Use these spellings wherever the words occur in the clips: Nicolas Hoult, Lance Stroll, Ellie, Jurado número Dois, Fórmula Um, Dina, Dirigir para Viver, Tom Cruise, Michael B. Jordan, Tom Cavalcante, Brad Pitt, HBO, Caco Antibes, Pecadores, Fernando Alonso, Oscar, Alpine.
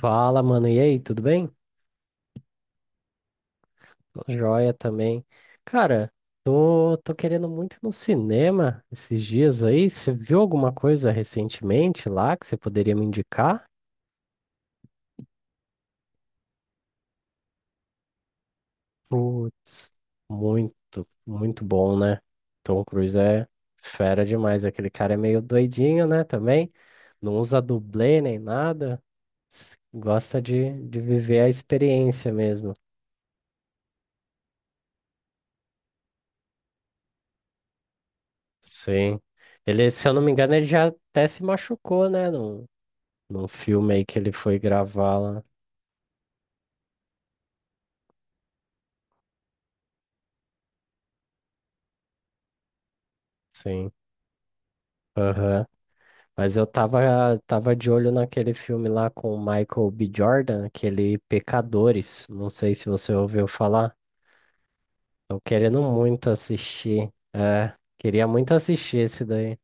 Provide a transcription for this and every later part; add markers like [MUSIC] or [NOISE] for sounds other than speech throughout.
Fala, mano. E aí, tudo bem? Tô joia também. Cara, tô querendo muito ir no cinema esses dias aí. Você viu alguma coisa recentemente lá que você poderia me indicar? Putz, muito bom, né? Tom Cruise é fera demais. Aquele cara é meio doidinho, né? Também não usa dublê nem nada. Gosta de viver a experiência mesmo. Sim. Ele, se eu não me engano, ele já até se machucou, né? Num filme aí que ele foi gravar lá. Sim. Aham. Mas eu tava de olho naquele filme lá com o Michael B. Jordan, aquele Pecadores. Não sei se você ouviu falar. Tô querendo muito assistir. É, queria muito assistir esse daí.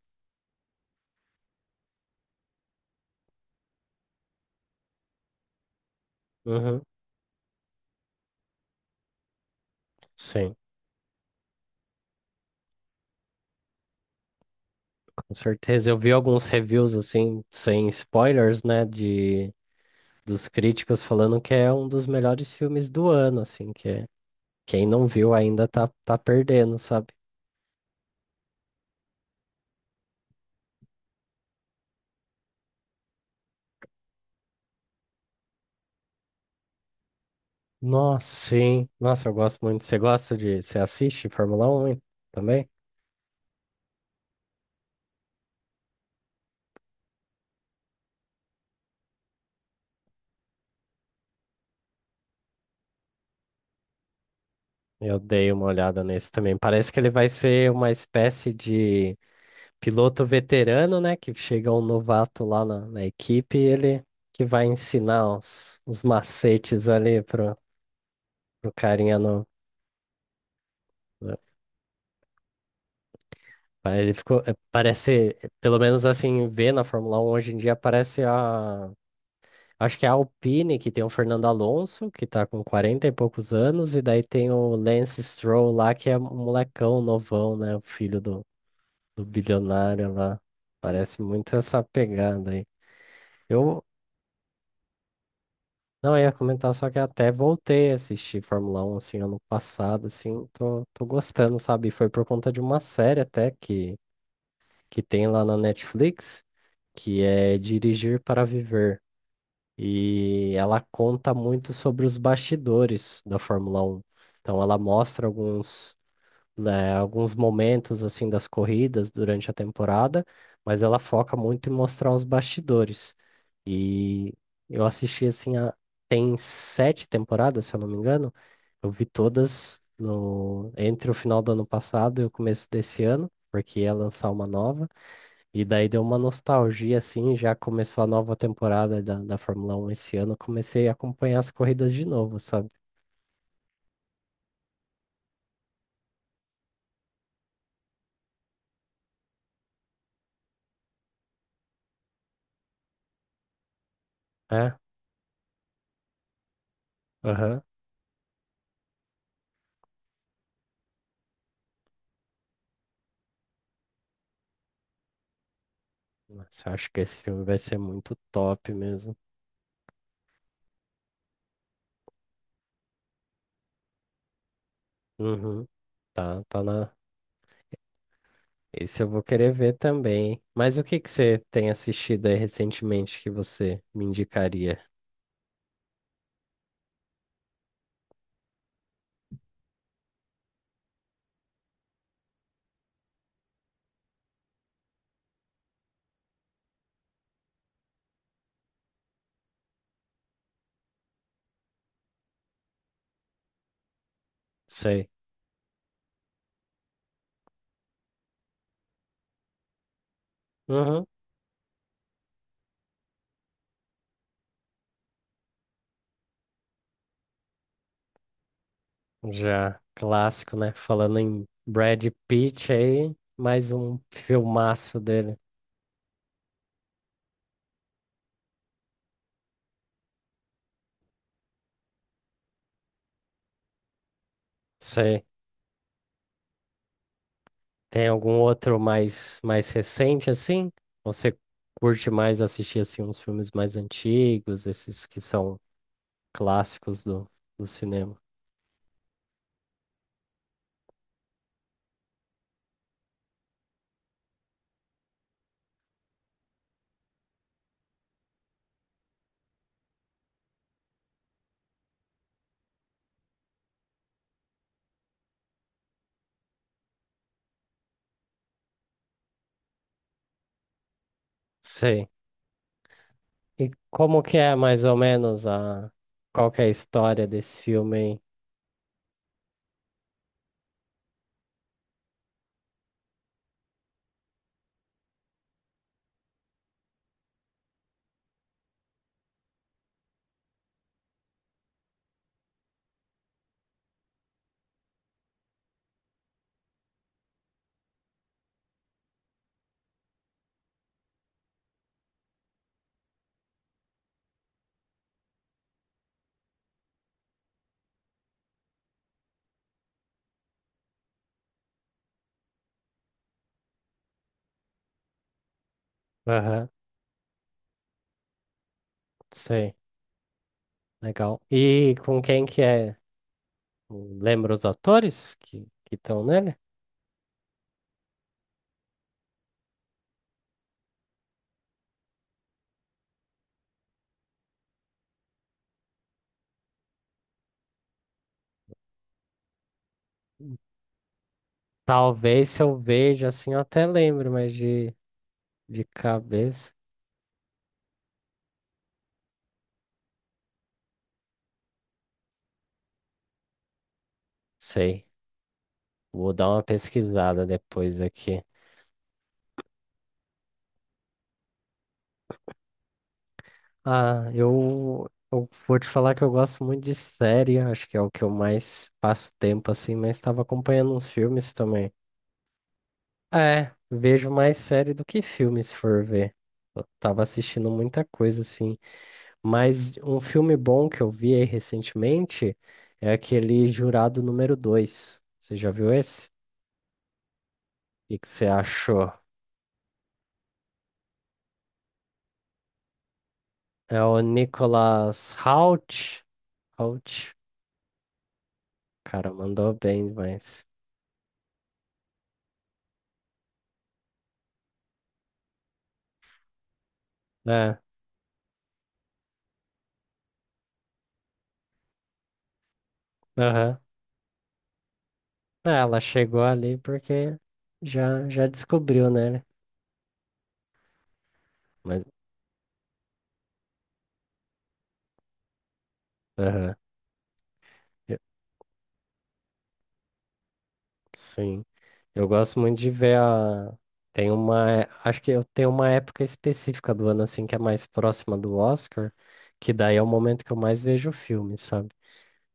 Uhum. Sim, com certeza. Eu vi alguns reviews assim, sem spoilers, né, de dos críticos falando que é um dos melhores filmes do ano, assim, que é quem não viu ainda tá perdendo, sabe? Nossa, sim. Nossa, eu gosto muito. Você gosta de. Você assiste Fórmula Um, hein? Também? Eu dei uma olhada nesse também. Parece que ele vai ser uma espécie de piloto veterano, né? Que chega um novato lá na equipe e ele que vai ensinar os macetes ali pro, pro carinha no. Né? Ele ficou. É, parece, pelo menos assim, ver na Fórmula Um hoje em dia, parece a. Acho que é a Alpine, que tem o Fernando Alonso, que tá com 40 e poucos anos, e daí tem o Lance Stroll lá, que é um molecão novão, né? O filho do, do bilionário lá. Parece muito essa pegada aí. Eu não, eu ia comentar, só que até voltei a assistir Fórmula 1, assim, ano passado, assim, tô gostando, sabe? Foi por conta de uma série até que tem lá na Netflix, que é Dirigir para Viver. E ela conta muito sobre os bastidores da Fórmula 1. Então ela mostra alguns, né, alguns momentos assim das corridas durante a temporada, mas ela foca muito em mostrar os bastidores. E eu assisti assim a, tem 7 temporadas, se eu não me engano. Eu vi todas no entre o final do ano passado e o começo desse ano, porque ia lançar uma nova. E daí deu uma nostalgia, assim, já começou a nova temporada da, da Fórmula Um esse ano, eu comecei a acompanhar as corridas de novo, sabe? É, aham. Nossa, eu acho que esse filme vai ser muito top mesmo. Uhum, tá na... Esse eu vou querer ver também, hein? Mas o que que você tem assistido aí recentemente que você me indicaria? Sei. Uhum, já clássico, né? Falando em Brad Pitt aí, mais um filmaço dele. Sei. Tem algum outro mais recente assim? Você curte mais assistir assim uns filmes mais antigos, esses que são clássicos do, do cinema? Sei. E como que é mais ou menos a qual que é a história desse filme aí? Aham, sei. Legal. E com quem que é? Lembra os atores que estão nele? Talvez se eu veja assim eu até lembro, mas de cabeça, sei. Vou dar uma pesquisada depois aqui. Ah, eu vou te falar que eu gosto muito de série, acho que é o que eu mais passo tempo assim, mas estava acompanhando uns filmes também. É, vejo mais série do que filme, se for ver. Eu tava assistindo muita coisa assim, mas um filme bom que eu vi aí recentemente é aquele Jurado Número Dois. Você já viu esse? O que que você achou? É o Nicolas Hoult. Hoult. Cara, mandou bem demais. É, aham. É, ela chegou ali porque já descobriu, né? Mas, aham, eu- sim. Eu gosto muito de ver a. Tem uma. Acho que eu tenho uma época específica do ano, assim, que é mais próxima do Oscar, que daí é o momento que eu mais vejo o filme, sabe?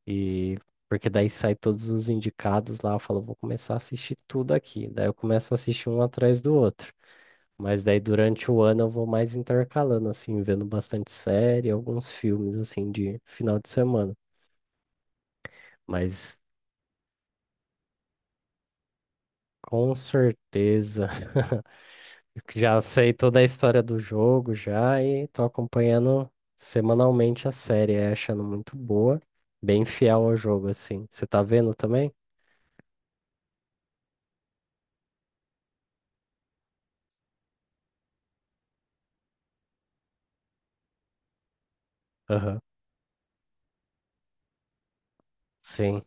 E. Porque daí sai todos os indicados lá, eu falo, vou começar a assistir tudo aqui. Daí eu começo a assistir um atrás do outro. Mas daí durante o ano eu vou mais intercalando, assim, vendo bastante série, alguns filmes, assim, de final de semana. Mas com certeza, [LAUGHS] eu já sei toda a história do jogo já e tô acompanhando semanalmente a série, é, achando muito boa, bem fiel ao jogo, assim. Você tá vendo também? Aham. Sim.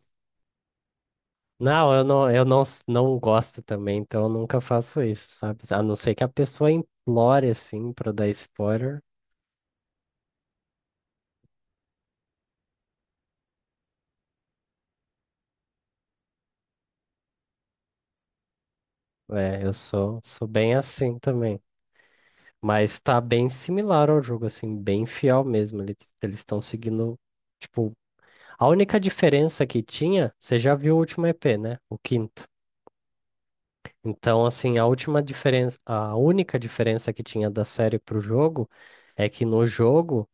Não, eu não, não gosto também, então eu nunca faço isso, sabe? A não ser que a pessoa implore, assim, pra dar spoiler. É, eu sou bem assim também. Mas tá bem similar ao jogo, assim, bem fiel mesmo. Eles estão seguindo, tipo, a única diferença que tinha, você já viu o último EP, né? O quinto. Então, assim, a última diferença, a única diferença que tinha da série pro jogo é que no jogo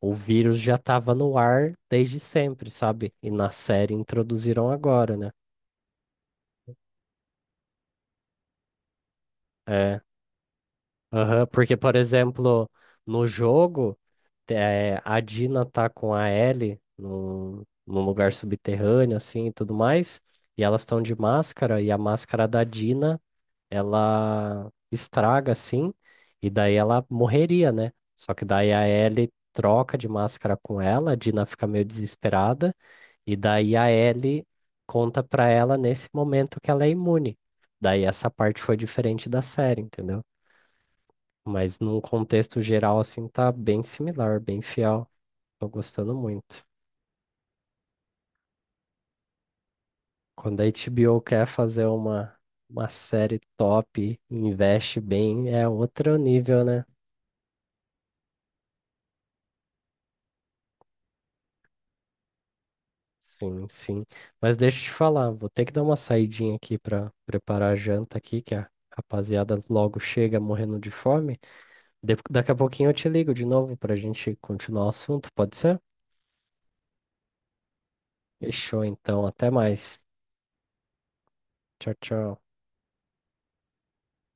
o vírus já tava no ar desde sempre, sabe? E na série introduziram agora, né? É. Aham, porque, por exemplo, no jogo. É, a Dina tá com a Ellie num, num lugar subterrâneo, assim, e tudo mais. E elas estão de máscara, e a máscara da Dina, ela estraga, assim, e daí ela morreria, né? Só que daí a Ellie troca de máscara com ela, a Dina fica meio desesperada, e daí a Ellie conta pra ela nesse momento que ela é imune. Daí essa parte foi diferente da série, entendeu? Mas num contexto geral, assim, tá bem similar, bem fiel. Tô gostando muito. Quando a HBO quer fazer uma série top, investe bem, é outro nível, né? Sim, sim. Mas deixa eu te falar, vou ter que dar uma saidinha aqui pra preparar a janta aqui, que a rapaziada logo chega morrendo de fome. Daqui a pouquinho eu te ligo de novo pra gente continuar o assunto, pode ser? Fechou então, até mais. Tchau, tchau.